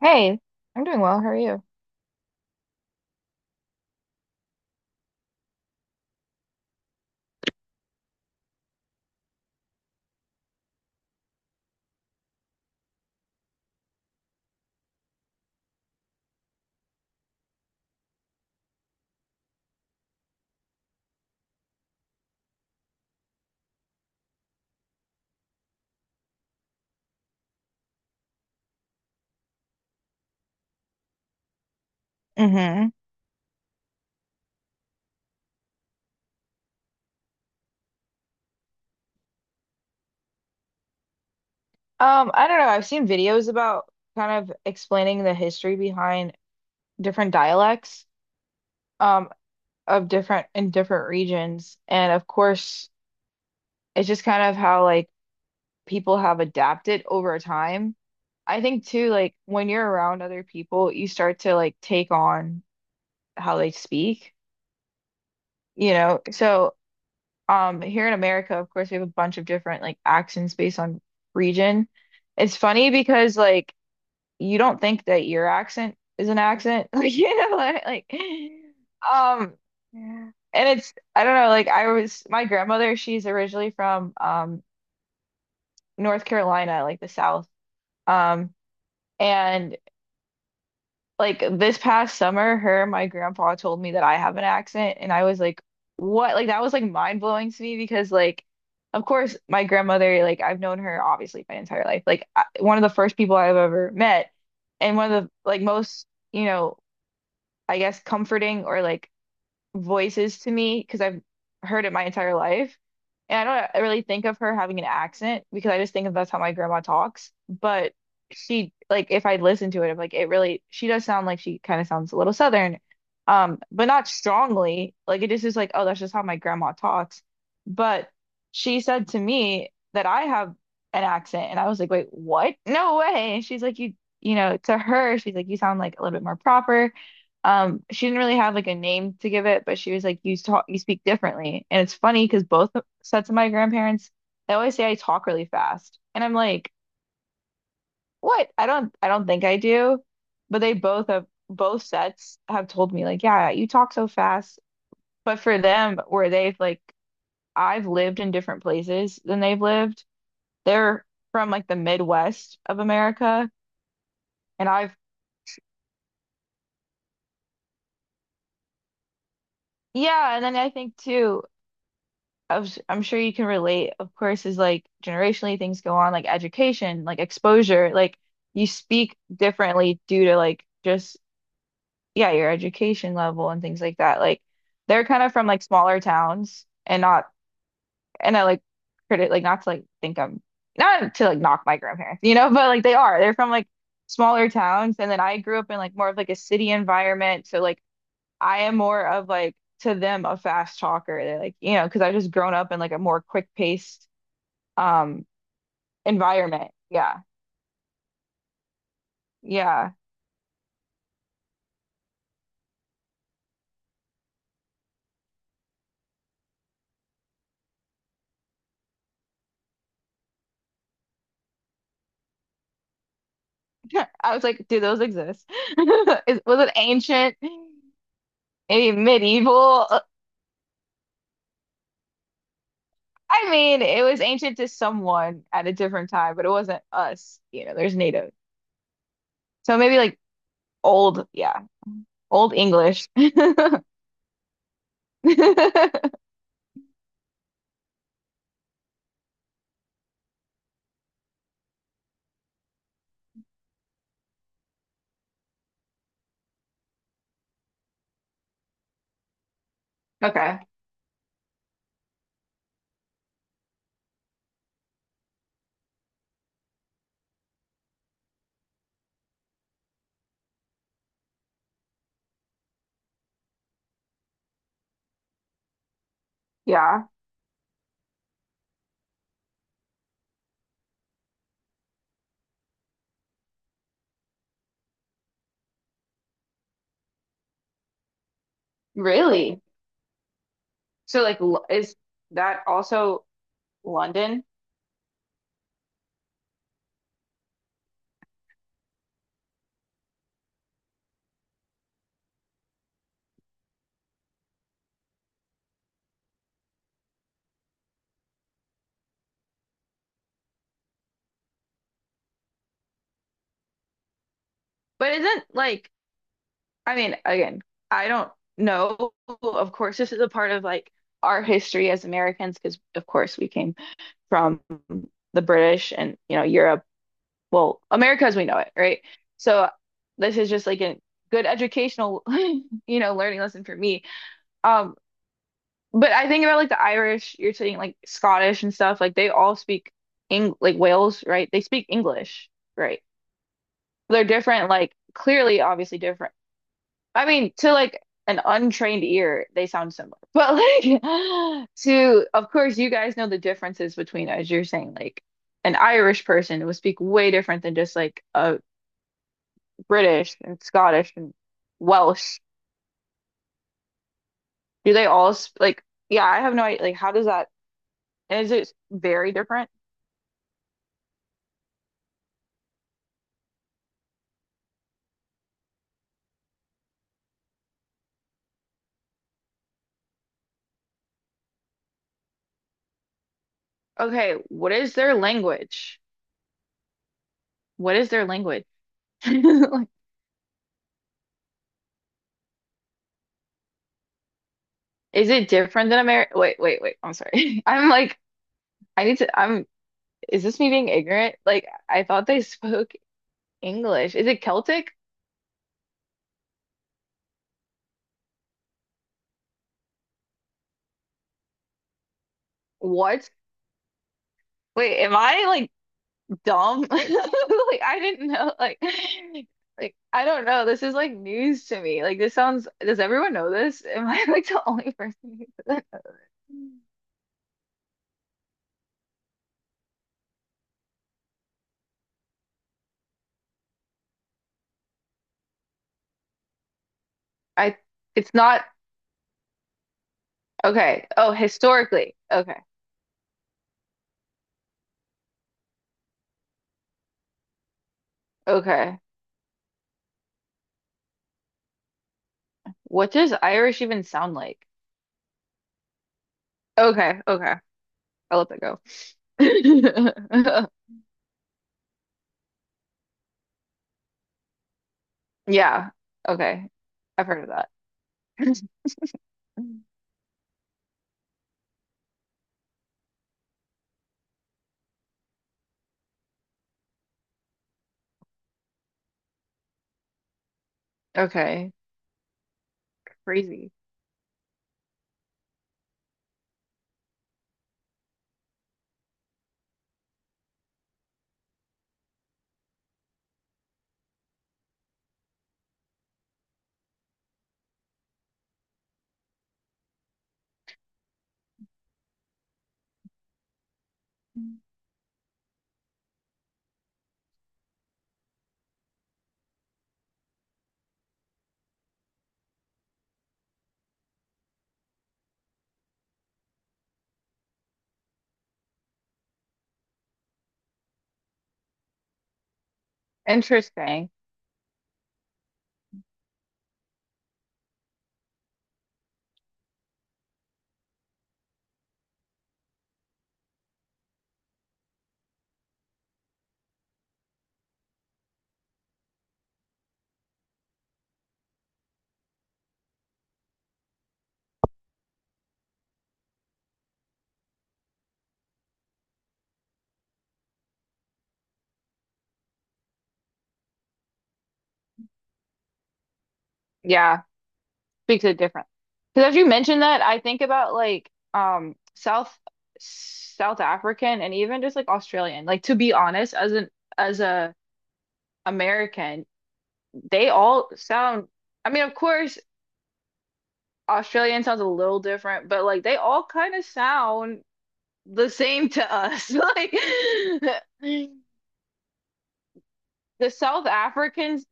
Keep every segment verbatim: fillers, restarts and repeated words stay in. Hey, I'm doing well. How are you? Mm-hmm. Um, I don't know. I've seen videos about kind of explaining the history behind different dialects, um, of different in different regions. And of course, it's just kind of how like people have adapted over time. I think too, like when you're around other people, you start to like take on how they speak, you know? So, um, here in America, of course, we have a bunch of different like accents based on region. It's funny because like you don't think that your accent is an accent. Like, you know, like, like, um, yeah. And it's, I don't know, like I was, my grandmother, she's originally from, um, North Carolina, like the South. Um, and like this past summer, her and my grandpa told me that I have an accent. And I was like, what? Like, that was like mind blowing to me because, like, of course, my grandmother, like, I've known her obviously my entire life. Like, I, one of the first people I've ever met, and one of the like most, you know, I guess comforting or like voices to me because I've heard it my entire life. And I don't really think of her having an accent because I just think of that's how my grandma talks. But she like if I listen to it, I'm like it really she does sound like she kind of sounds a little Southern, um, but not strongly. Like it just is like, oh, that's just how my grandma talks. But she said to me that I have an accent, and I was like, wait, what? No way. And she's like, you you know, to her, she's like, you sound like a little bit more proper. Um, she didn't really have like a name to give it, but she was like, "You talk, you speak differently." And it's funny because both sets of my grandparents, they always say I talk really fast, and I'm like, "What? I don't, I don't think I do." But they both have both sets have told me like, "Yeah, you talk so fast." But for them, where they've like, I've lived in different places than they've lived. They're from like the Midwest of America, and I've yeah. And then I think too, I was, I'm sure you can relate, of course, is like generationally things go on, like education, like exposure, like you speak differently due to like just, yeah, your education level and things like that. Like they're kind of from like smaller towns and not, and I like credit, like not to like think I'm, not to like knock my grandparents, you know, but like they are, they're from like smaller towns. And then I grew up in like more of like a city environment. So like I am more of like, to them a fast talker. They're like, you know, because I've just grown up in like a more quick paced um, environment. Yeah. Yeah. I was like, do those exist? Is, was it ancient? Maybe medieval? Uh, I mean, it was ancient to someone at a different time, but it wasn't us. You know, there's native. So maybe like old, yeah, old English. Okay. Yeah. Really? So like l- is that also London? But isn't like, I mean, again, I don't know. Of course, this is a part of like our history as Americans, because of course we came from the British and, you know, Europe. Well, America as we know it, right? So this is just like a good educational, you know, learning lesson for me. Um, but I think about like the Irish, you're saying like Scottish and stuff, like they all speak Eng like Wales, right? They speak English, right? They're different, like clearly, obviously different. I mean, to like an untrained ear, they sound similar. But like, to, of course, you guys know the differences between, as you're saying, like an Irish person would speak way different than just like a British and Scottish and Welsh. Do they all sp like, yeah, I have no idea. Like, how does that, is it very different? Okay, what is their language? What is their language? Like, is it different than American? Wait, wait, wait. I'm sorry. I'm like, I need to, I'm is this me being ignorant? Like, I thought they spoke English. Is it Celtic? What? Wait, am I like dumb? Like, I didn't know. Like, like I don't know. This is like news to me. Like, this sounds. Does everyone know this? Am I like the only person who does it? I. It's not okay. Oh, historically. Okay. Okay. What does Irish even sound like? Okay. Okay. I'll let that go. Yeah. Okay. I've heard of that. Okay. Crazy. Interesting. Yeah. Speaks a different. Because as you mentioned that, I think about like um South South African and even just like Australian. Like to be honest, as an as a American, they all sound, I mean, of course, Australian sounds a little different, but like they all kind of sound the same to us. Like the South Africans,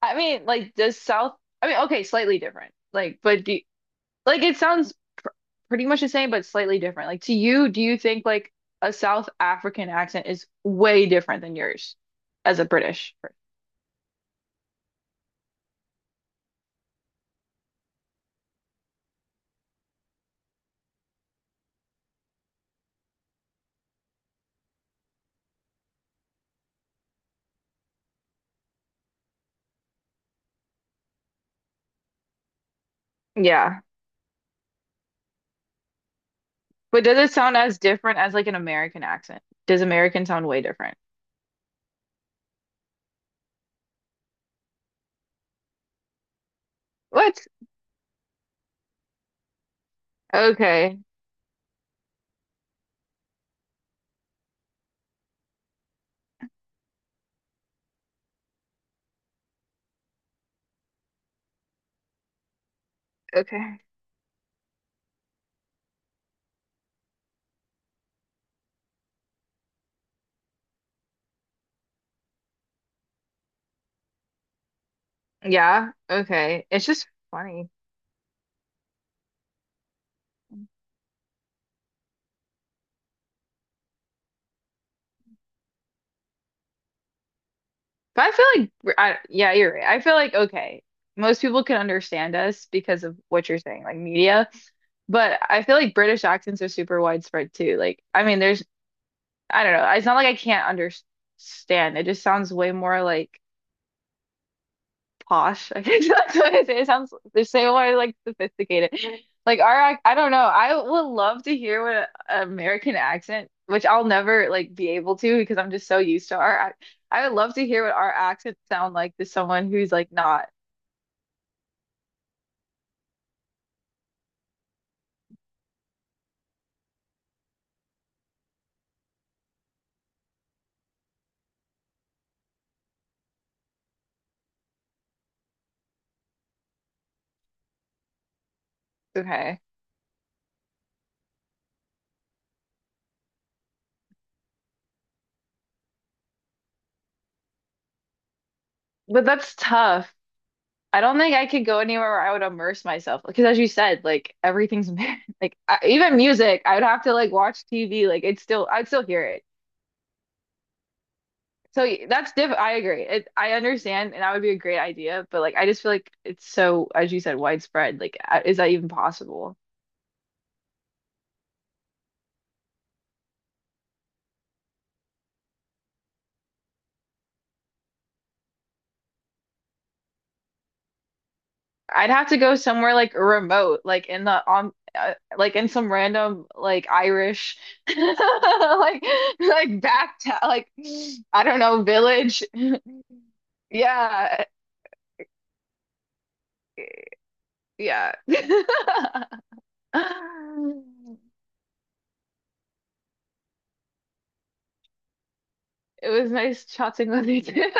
I mean, like the South I mean, okay, slightly different. Like, but do, like it sounds pr pretty much the same, but slightly different. Like to you, do you think like a South African accent is way different than yours as a British? Yeah. But does it sound as different as like an American accent? Does American sound way different? What? Okay. Okay. Yeah. Okay. It's just funny. But I feel like, I, yeah, you're right. I feel like, okay, most people can understand us because of what you're saying, like media. But I feel like British accents are super widespread too. Like, I mean, there's I don't know. It's not like I can't understand. It just sounds way more like posh. I guess that's what I say. It sounds just say more like sophisticated. Like our, ac- I don't know. I would love to hear what an American accent, which I'll never like be able to because I'm just so used to our. ac- I would love to hear what our accents sound like to someone who's like not. Okay. But that's tough. I don't think I could go anywhere where I would immerse myself because as you said, like everything's, like I, even music, I would have to like watch T V, like it's still I'd still hear it. So y- that's diff I agree. It, I understand and that would be a great idea, but like I just feel like it's so as you said widespread. Like uh, is that even possible? I'd have to go somewhere like remote, like in the on uh, like in some random like Irish like like back town, like I don't know, village. Yeah. Yeah. It was nice chatting with you too.